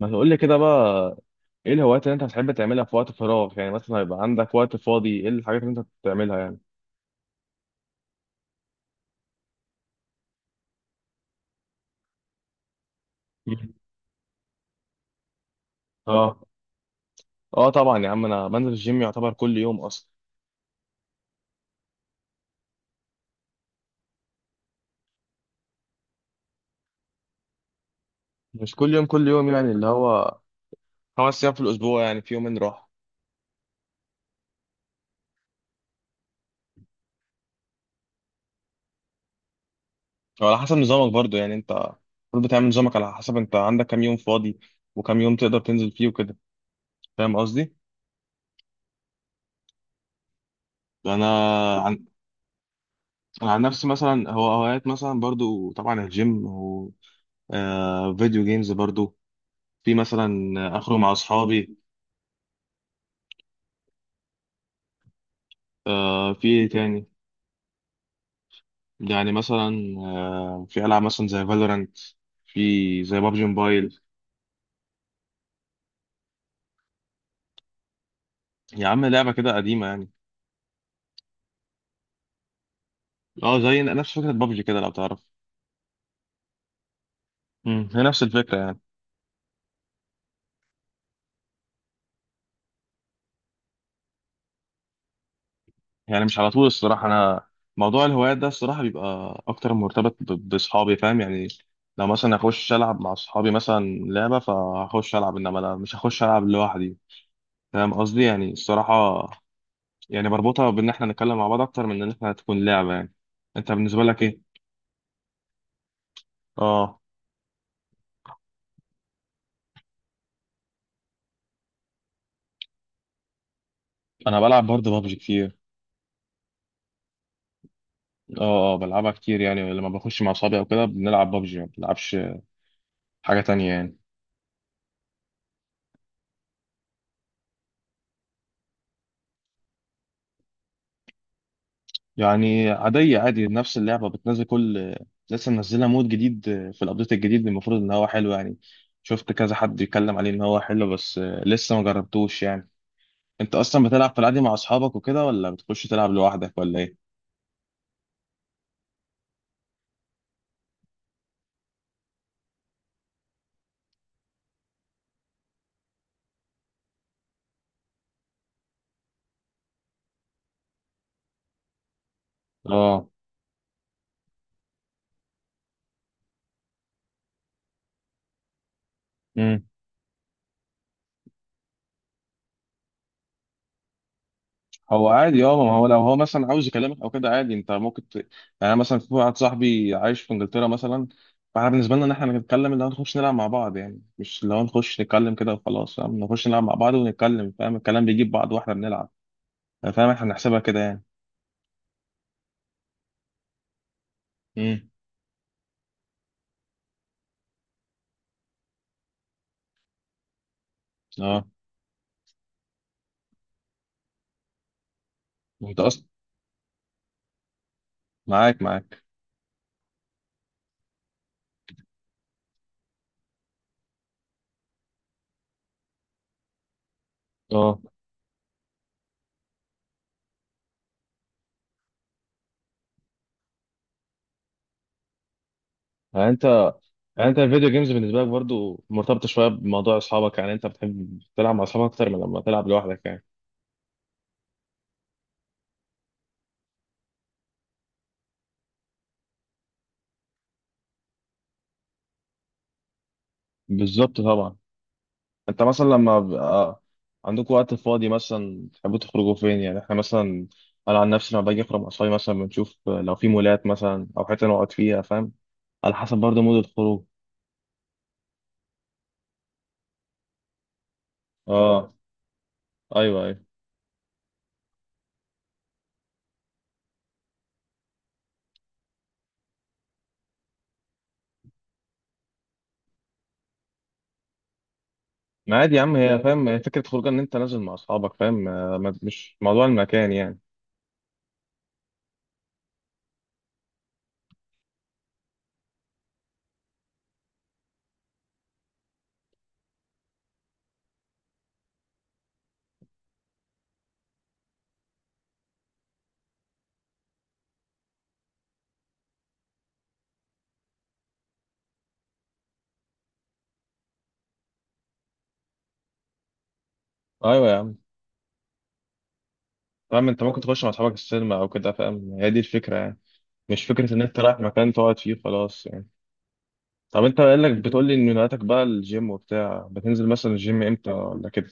ما تقول لي كده بقى. ايه الهوايات اللي انت بتحب تعملها في وقت فراغ؟ يعني مثلا هيبقى عندك وقت فاضي، ايه الحاجات اللي انت بتعملها يعني؟ مم. اه، اه، طبعا يا عم انا بنزل الجيم، يعتبر كل يوم اصلا. مش كل يوم كل يوم يعني اللي هو خمس ايام في الاسبوع، يعني في يومين راحه. وعلى حسب نظامك برضو، يعني انت المفروض بتعمل نظامك على حسب انت عندك كام يوم فاضي، وكام يوم تقدر تنزل فيه وكده. فاهم قصدي؟ انا عن أنا عن نفسي مثلا، هو هوايات مثلا برضو طبعا الجيم و فيديو جيمز برضو. في مثلا اخرج مع اصحابي. في ايه تاني؟ يعني مثلا في العاب مثلا زي فالورانت، في زي بابجي موبايل. يا عم لعبه كده قديمه يعني. اه زي نفس فكره بابجي كده لو تعرف. هي نفس الفكره يعني. يعني مش على طول الصراحه، انا موضوع الهوايات ده الصراحه بيبقى اكتر مرتبط باصحابي فاهم يعني. لو مثلا اخش العب مع اصحابي مثلا لعبه، فهخش العب، انما انا مش هخش العب لوحدي. فاهم قصدي؟ يعني الصراحه يعني بربطها بان احنا نتكلم مع بعض اكتر من ان احنا تكون لعبه يعني. انت بالنسبه لك ايه؟ اه. انا بلعب برضه بابجي كتير. اه، اه، بلعبها كتير يعني، لما بخش مع اصحابي او كده بنلعب بابجي، ما بنلعبش حاجه تانية يعني. يعني عاديه، عادي نفس اللعبه بتنزل كل، لسه منزلها مود جديد، في الابديت الجديد المفروض ان هو حلو يعني. شفت كذا حد يتكلم عليه ان هو حلو، بس لسه ما جربتوش يعني. انت اصلا بتلعب في العادي مع اصحابك وكده، ولا بتخش تلعب لوحدك ولا ايه؟ اه، هو عادي، اه ما هو لو هو مثلا عاوز يكلمك او كده عادي، انت ممكن يعني. أنا مثلا في واحد صاحبي عايش في انجلترا مثلا، فاحنا بالنسبه لنا ان احنا نتكلم، اللي هو نخش نلعب مع بعض يعني، مش اللي هو نخش نتكلم كده وخلاص. فاهم؟ نخش نلعب مع بعض ونتكلم، فاهم الكلام بيجيب بعض واحنا بنلعب. فاهم احنا بنحسبها كده يعني. امم. اه. انت اصلا، معاك معاك. اه، يعني انت يعني انت الفيديو جيمز بالنسبه لك برضو مرتبطه شويه بموضوع اصحابك، يعني انت بتحب تلعب مع اصحابك اكتر من لما تلعب لوحدك يعني. بالظبط طبعا. انت مثلا لما بيبقى عندكم وقت فاضي مثلا تحبوا تخرجوا فين يعني؟ احنا مثلا، انا عن نفسي لما باجي اخرج مع اصحابي مثلا بنشوف لو في مولات مثلا او حته نقعد فيها. فاهم؟ على حسب برضه مود الخروج. اه، ايوه، ايوه. ما عادي يا عم، هي فاهم، هي فكره خروج ان انت نازل مع اصحابك. فاهم؟ مش موضوع المكان يعني. ايوه يا عم. فاهم انت ممكن تخش مع اصحابك السينما او كده، فاهم هي دي الفكره يعني، مش فكره ان انت رايح مكان تقعد فيه خلاص يعني. طب انت قايل لك بتقول لي ان هواياتك بقى الجيم وبتاع، بتنزل مثلا الجيم امتى ولا كده؟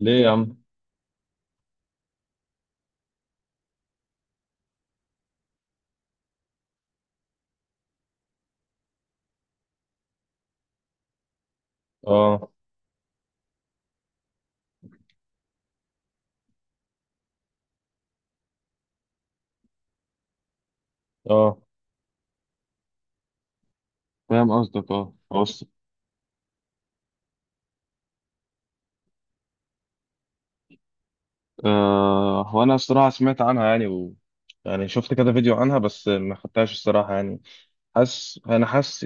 ليه يا عم؟ اه، اه، فاهم قصدك. اه بص. هو انا الصراحه سمعت عنها يعني، يعني شفت كده فيديو عنها، بس ما خدتهاش الصراحه يعني. حاسس، انا حاسس.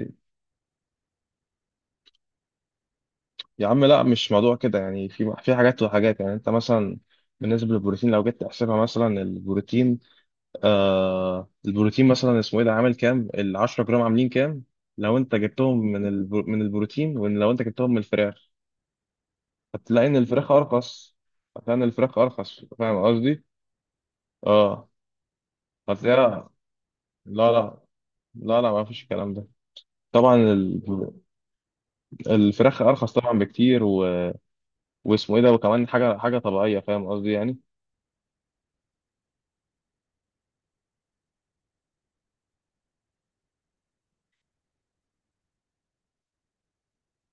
يا عم لا مش موضوع كده يعني، في حاجات وحاجات يعني، انت مثلا بالنسبه للبروتين لو جيت تحسبها مثلا، البروتين، البروتين مثلا اسمه ايه ده، عامل كام، ال 10 جرام عاملين كام؟ لو انت جبتهم من من البروتين، ولو انت جبتهم من الفراخ، هتلاقي ان الفراخ ارخص. هتلاقي ان الفراخ ارخص، فاهم قصدي؟ اه، هتلاقيها. لا، لا، لا، لا، ما فيش الكلام ده. طبعا الفراخ ارخص طبعا بكتير، واسمه ايه ده، وكمان حاجه حاجه طبيعيه، فاهم قصدي يعني.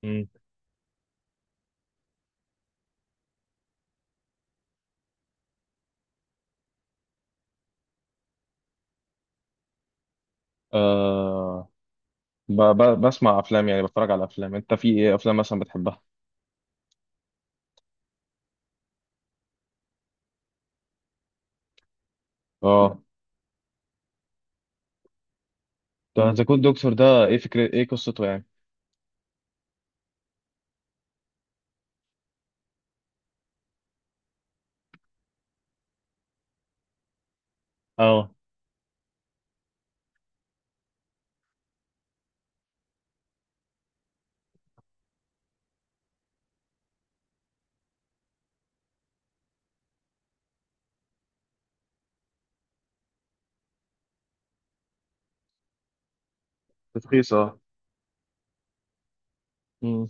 مم. آه بسمع افلام يعني، بتفرج على افلام. انت في ايه افلام مثلا بتحبها؟ اه، ده ذا جود دكتور ده ايه قصته يعني؟ اه رخيص اه. مم.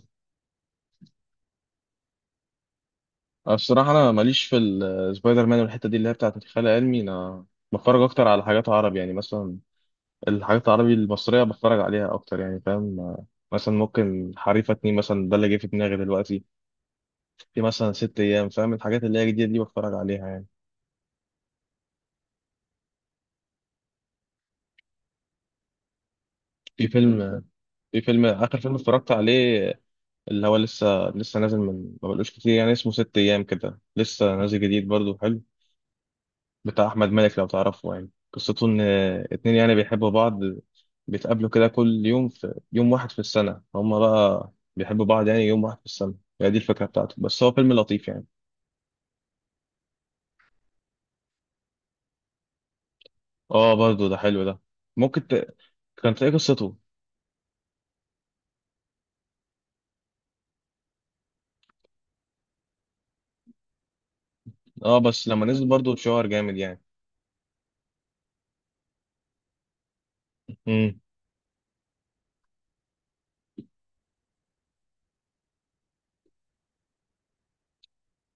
أنا الصراحة، أنا ماليش في السبايدر مان والحتة دي اللي هي بتاعت الخيال العلمي. أنا بتفرج أكتر على حاجات عربي يعني، مثلا الحاجات العربي المصرية بتفرج عليها أكتر يعني. فاهم؟ مثلا ممكن حريفة اتنين مثلا، ده اللي جه في دماغي دلوقتي، في مثلا ست أيام، فاهم الحاجات اللي هي جديدة دي بتفرج عليها يعني. في فيلم في فيلم آخر فيلم اتفرجت عليه، اللي هو لسه لسه نازل من ما بقالوش كتير يعني، اسمه ست أيام كده، لسه نازل جديد برضه حلو. بتاع أحمد مالك لو تعرفه، يعني قصته إن اتنين يعني بيحبوا بعض، بيتقابلوا كده كل يوم في يوم واحد في السنة. هما بقى بيحبوا بعض، يعني يوم واحد في السنة، هي دي الفكرة بتاعته، بس هو فيلم لطيف يعني. اه برضو ده حلو ده. ممكن كان تلاقي قصته. اه بس لما نزل برضو اتشهر جامد يعني. امم.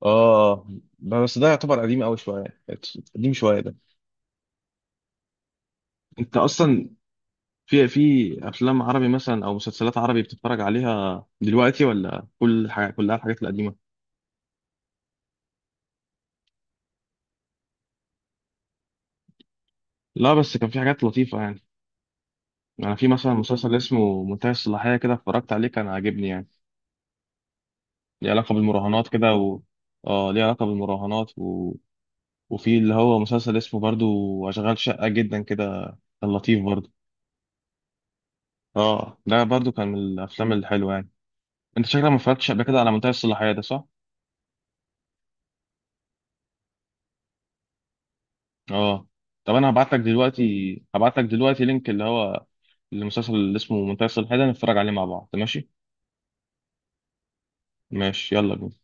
اه، آه. بس ده يعتبر قديم قوي شويه، قديم شويه ده. انت اصلا في افلام عربي مثلا او مسلسلات عربي بتتفرج عليها دلوقتي، ولا كل حاجه كلها الحاجات القديمه؟ لا بس كان في حاجات لطيفه يعني، انا في مثلا مسلسل اسمه منتهي الصلاحيه كده، اتفرجت عليه كان عاجبني يعني. ليه علاقه بالمراهنات كده، اه ليه علاقه بالمراهنات. وفي اللي هو مسلسل اسمه برضو أشغال شقة جدا كده، كان لطيف برضو. اه ده برضو كان من الأفلام الحلوة يعني. أنت شكلك ما اتفرجتش قبل كده على منتهي الصلاحية ده صح؟ اه. طب أنا هبعت لك دلوقتي لينك، اللي هو المسلسل اللي اسمه منتهي الصلاحية ده، نتفرج عليه مع بعض ماشي؟ ماشي يلا بينا.